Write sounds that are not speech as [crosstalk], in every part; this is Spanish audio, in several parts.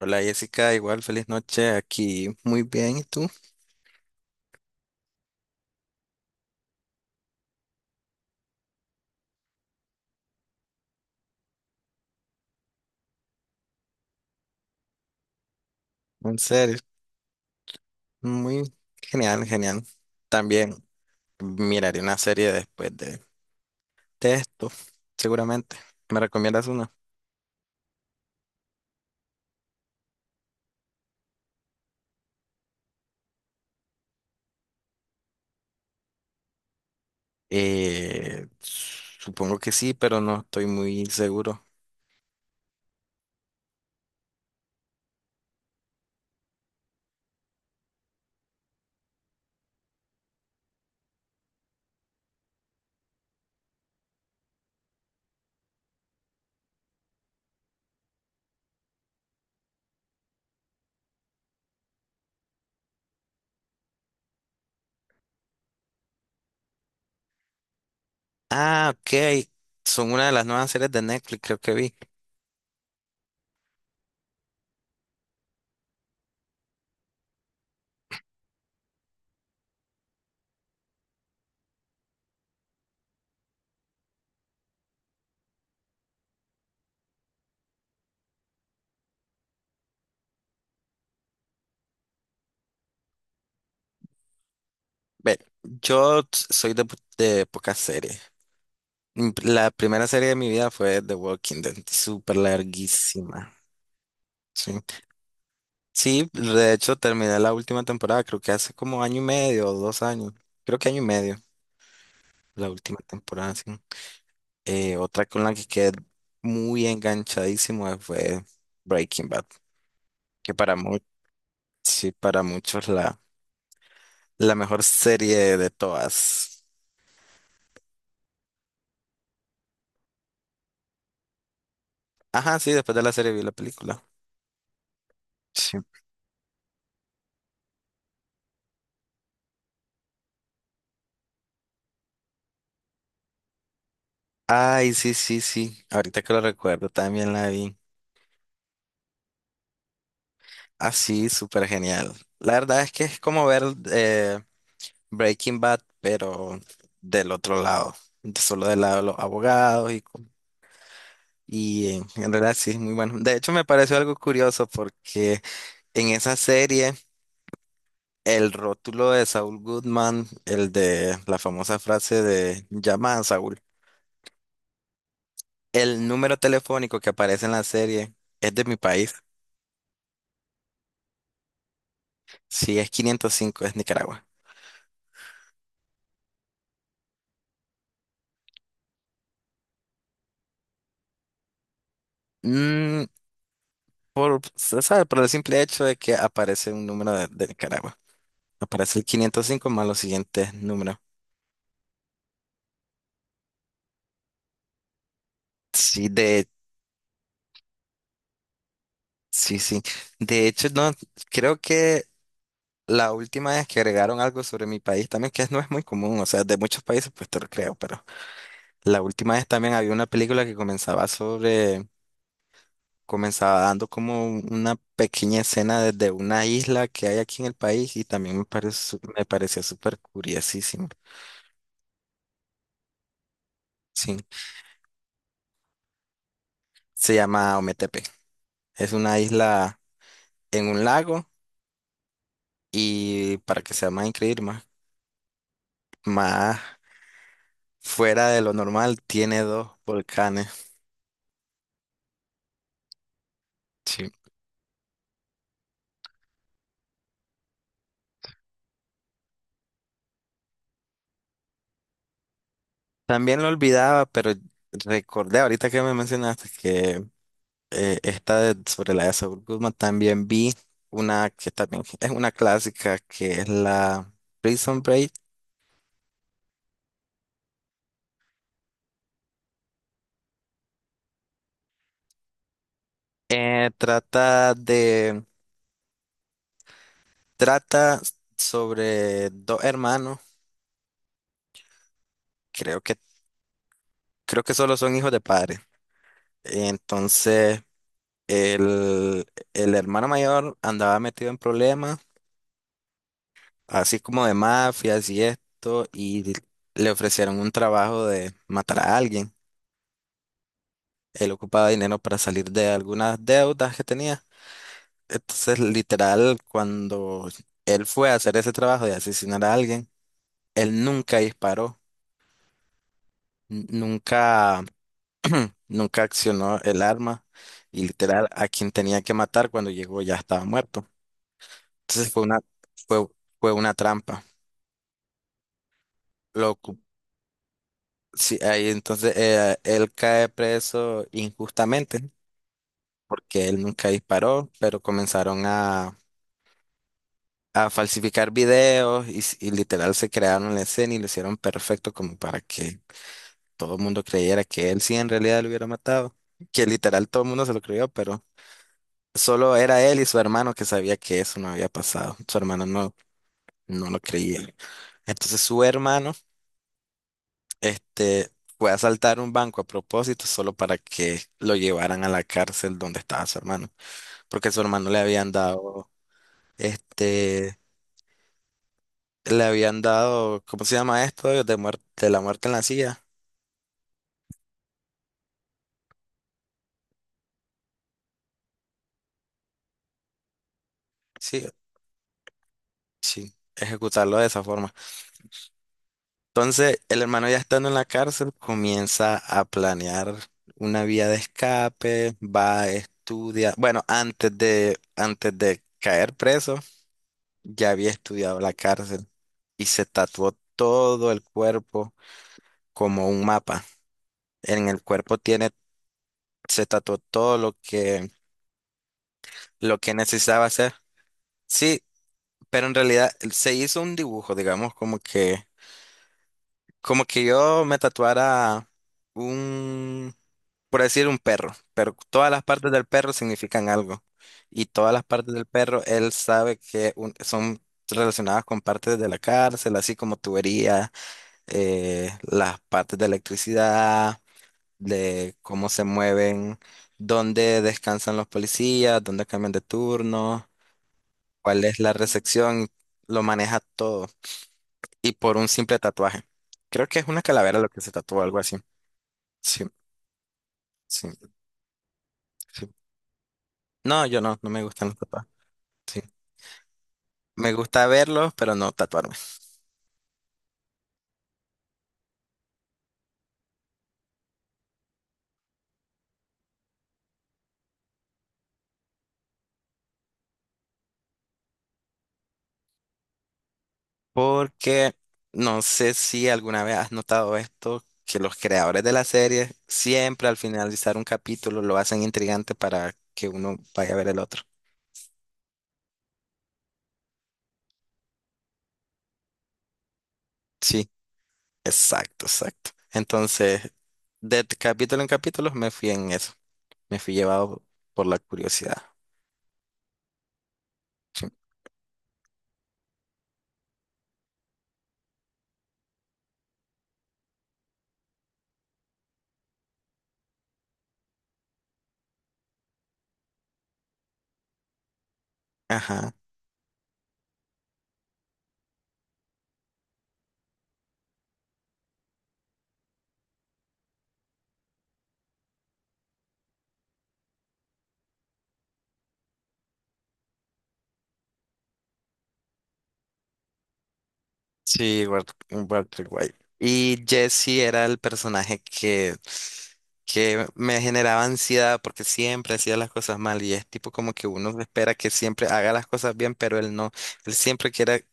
Hola Jessica, igual feliz noche aquí. Muy bien, ¿y tú? En serio, muy genial, genial. También miraré una serie después de esto, seguramente. ¿Me recomiendas una? Supongo que sí, pero no estoy muy seguro. Ah, ok. Son una de las nuevas series de Netflix, creo que vi. Ve, soy de pocas series. Mm, la primera serie de mi vida fue The Walking Dead, súper larguísima. Sí. Sí, de hecho terminé la última temporada, creo que hace como año y medio o dos años, creo que año y medio, la última temporada, sí. Otra con la que quedé muy enganchadísimo fue Breaking Bad, que para muchos, sí, para muchos la mejor serie de todas. Ajá, sí, después de la serie vi la película. Sí. Ay, sí, sí, sí, ahorita que lo recuerdo también la vi. Así, súper genial. La verdad es que es como ver eh, Breaking Bad, pero del otro lado, solo del lado de los abogados y en realidad sí es muy bueno. De hecho, me pareció algo curioso porque en esa serie el rótulo de Saul Goodman, el de la famosa frase de llama a Saúl, el número telefónico que aparece en la serie es de mi país, sí es 505, es Nicaragua. Mm, por, se sabe, por el simple hecho de que aparece un número de Nicaragua. Aparece el 505 más los siguientes números. Sí, de, sí, sí. De hecho, no, creo que la última vez que agregaron algo sobre mi país también, que no es muy común, o sea, de muchos países, pues te lo creo, pero la última vez también había una película que comenzaba sobre, comenzaba dando como una pequeña escena desde una isla que hay aquí en el país y también me pareció súper curiosísimo. Sí, se llama Ometepe. Es una isla en un lago y para que sea más increíble, más, más fuera de lo normal, tiene dos volcanes. Sí. También lo olvidaba, pero recordé ahorita que me mencionaste que sobre la de Saúl Guzmán también vi una que también [laughs] es una clásica que es la Prison Break. Trata de trata sobre dos hermanos, creo que creo que solo son hijos de padres. Entonces el, el hermano mayor andaba metido en problemas así como de mafias y esto, y le ofrecieron un trabajo de matar a alguien. Él ocupaba dinero para salir de algunas deudas que tenía. Entonces, literal, cuando él fue a hacer ese trabajo de asesinar a alguien, él nunca disparó, nunca, [clears throat] nunca accionó el arma y literal a quien tenía que matar cuando llegó ya estaba muerto. Entonces fue una, fue, fue una trampa. Lo, sí, ahí entonces él cae preso injustamente porque él nunca disparó, pero comenzaron a falsificar videos y literal se crearon la escena y lo hicieron perfecto como para que todo el mundo creyera que él sí en realidad lo hubiera matado, que literal todo el mundo se lo creyó, pero solo era él y su hermano que sabía que eso no había pasado, su hermano no, no lo creía. Entonces su hermano Este, fue a asaltar un banco a propósito solo para que lo llevaran a la cárcel donde estaba su hermano, porque su hermano le habían dado, este, le habían dado, ¿cómo se llama esto? De muerte, de la muerte en la silla. Sí, sí, ejecutarlo de esa forma. Entonces, el hermano ya estando en la cárcel comienza a planear una vía de escape, va a estudiar, bueno, antes de caer preso. Ya había estudiado la cárcel y se tatuó todo el cuerpo como un mapa. En el cuerpo tiene, se tatuó todo lo que necesitaba hacer. Sí, pero en realidad se hizo un dibujo, digamos, como que yo me tatuara un, por decir un perro, pero todas las partes del perro significan algo. Y todas las partes del perro, él sabe que son relacionadas con partes de la cárcel, así como tuberías, las partes de electricidad, de cómo se mueven, dónde descansan los policías, dónde cambian de turno, cuál es la recepción, lo maneja todo. Y por un simple tatuaje. Creo que es una calavera lo que se tatuó, algo así. Sí, sí, sí. No, yo no, no me gustan los tatuajes. Sí. Me gusta verlos, pero no tatuarme. Porque no sé si alguna vez has notado esto, que los creadores de la serie siempre al finalizar un capítulo lo hacen intrigante para que uno vaya a ver el otro. Sí, exacto, exacto. Entonces, capítulo en capítulo me fui en eso, me fui llevado por la curiosidad. Ajá. Sí, Walter White. Y Jesse era el personaje que me generaba ansiedad porque siempre hacía las cosas mal y es tipo como que uno espera que siempre haga las cosas bien, pero él no. Él siempre quiere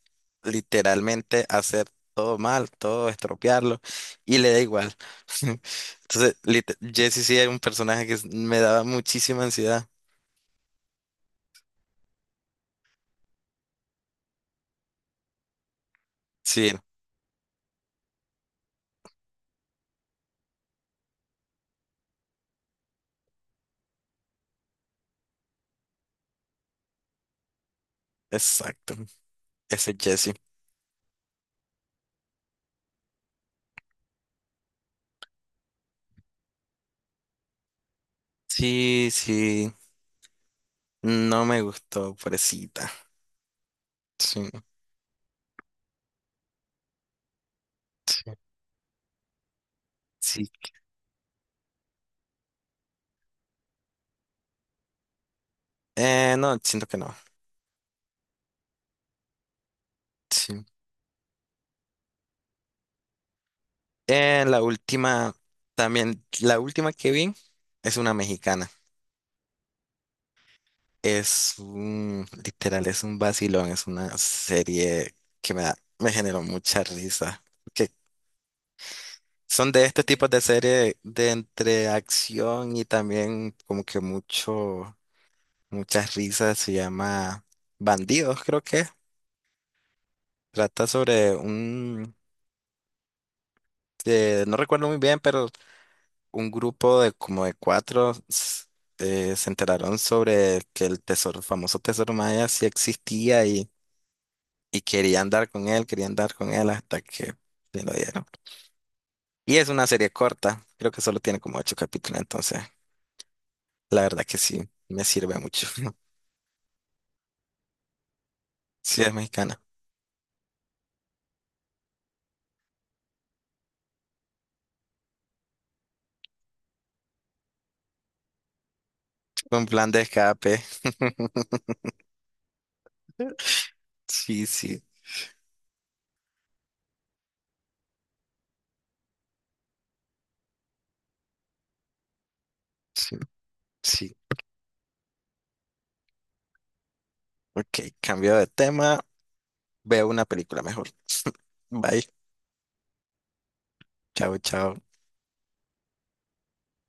literalmente hacer todo mal, todo estropearlo y le da igual. [laughs] Entonces, Jesse sí era un personaje que me daba muchísima ansiedad. Sí, exacto. Ese Jesse. Sí, sí. No me gustó, pobrecita. Sí, sí, sí. No, siento que no. Sí. Eh, la última, también, la última que vi es una mexicana. Es un, literal, es un vacilón, es una serie que me da, me generó mucha risa. Que son de este tipo de serie de entre acción y también como que mucho, muchas risas. Se llama Bandidos, creo que. Trata sobre un, no recuerdo muy bien, pero un grupo de como de cuatro, se enteraron sobre que el tesoro, famoso tesoro maya sí existía y querían dar con él, querían dar con él hasta que se lo dieron. Y es una serie corta, creo que solo tiene como ocho capítulos, entonces la verdad que sí, me sirve mucho. [laughs] Sí, es mexicana. Un plan de escape. [laughs] Sí, sí, sí, sí. Ok, cambio de tema. Veo una película mejor. Bye. Chao, chao.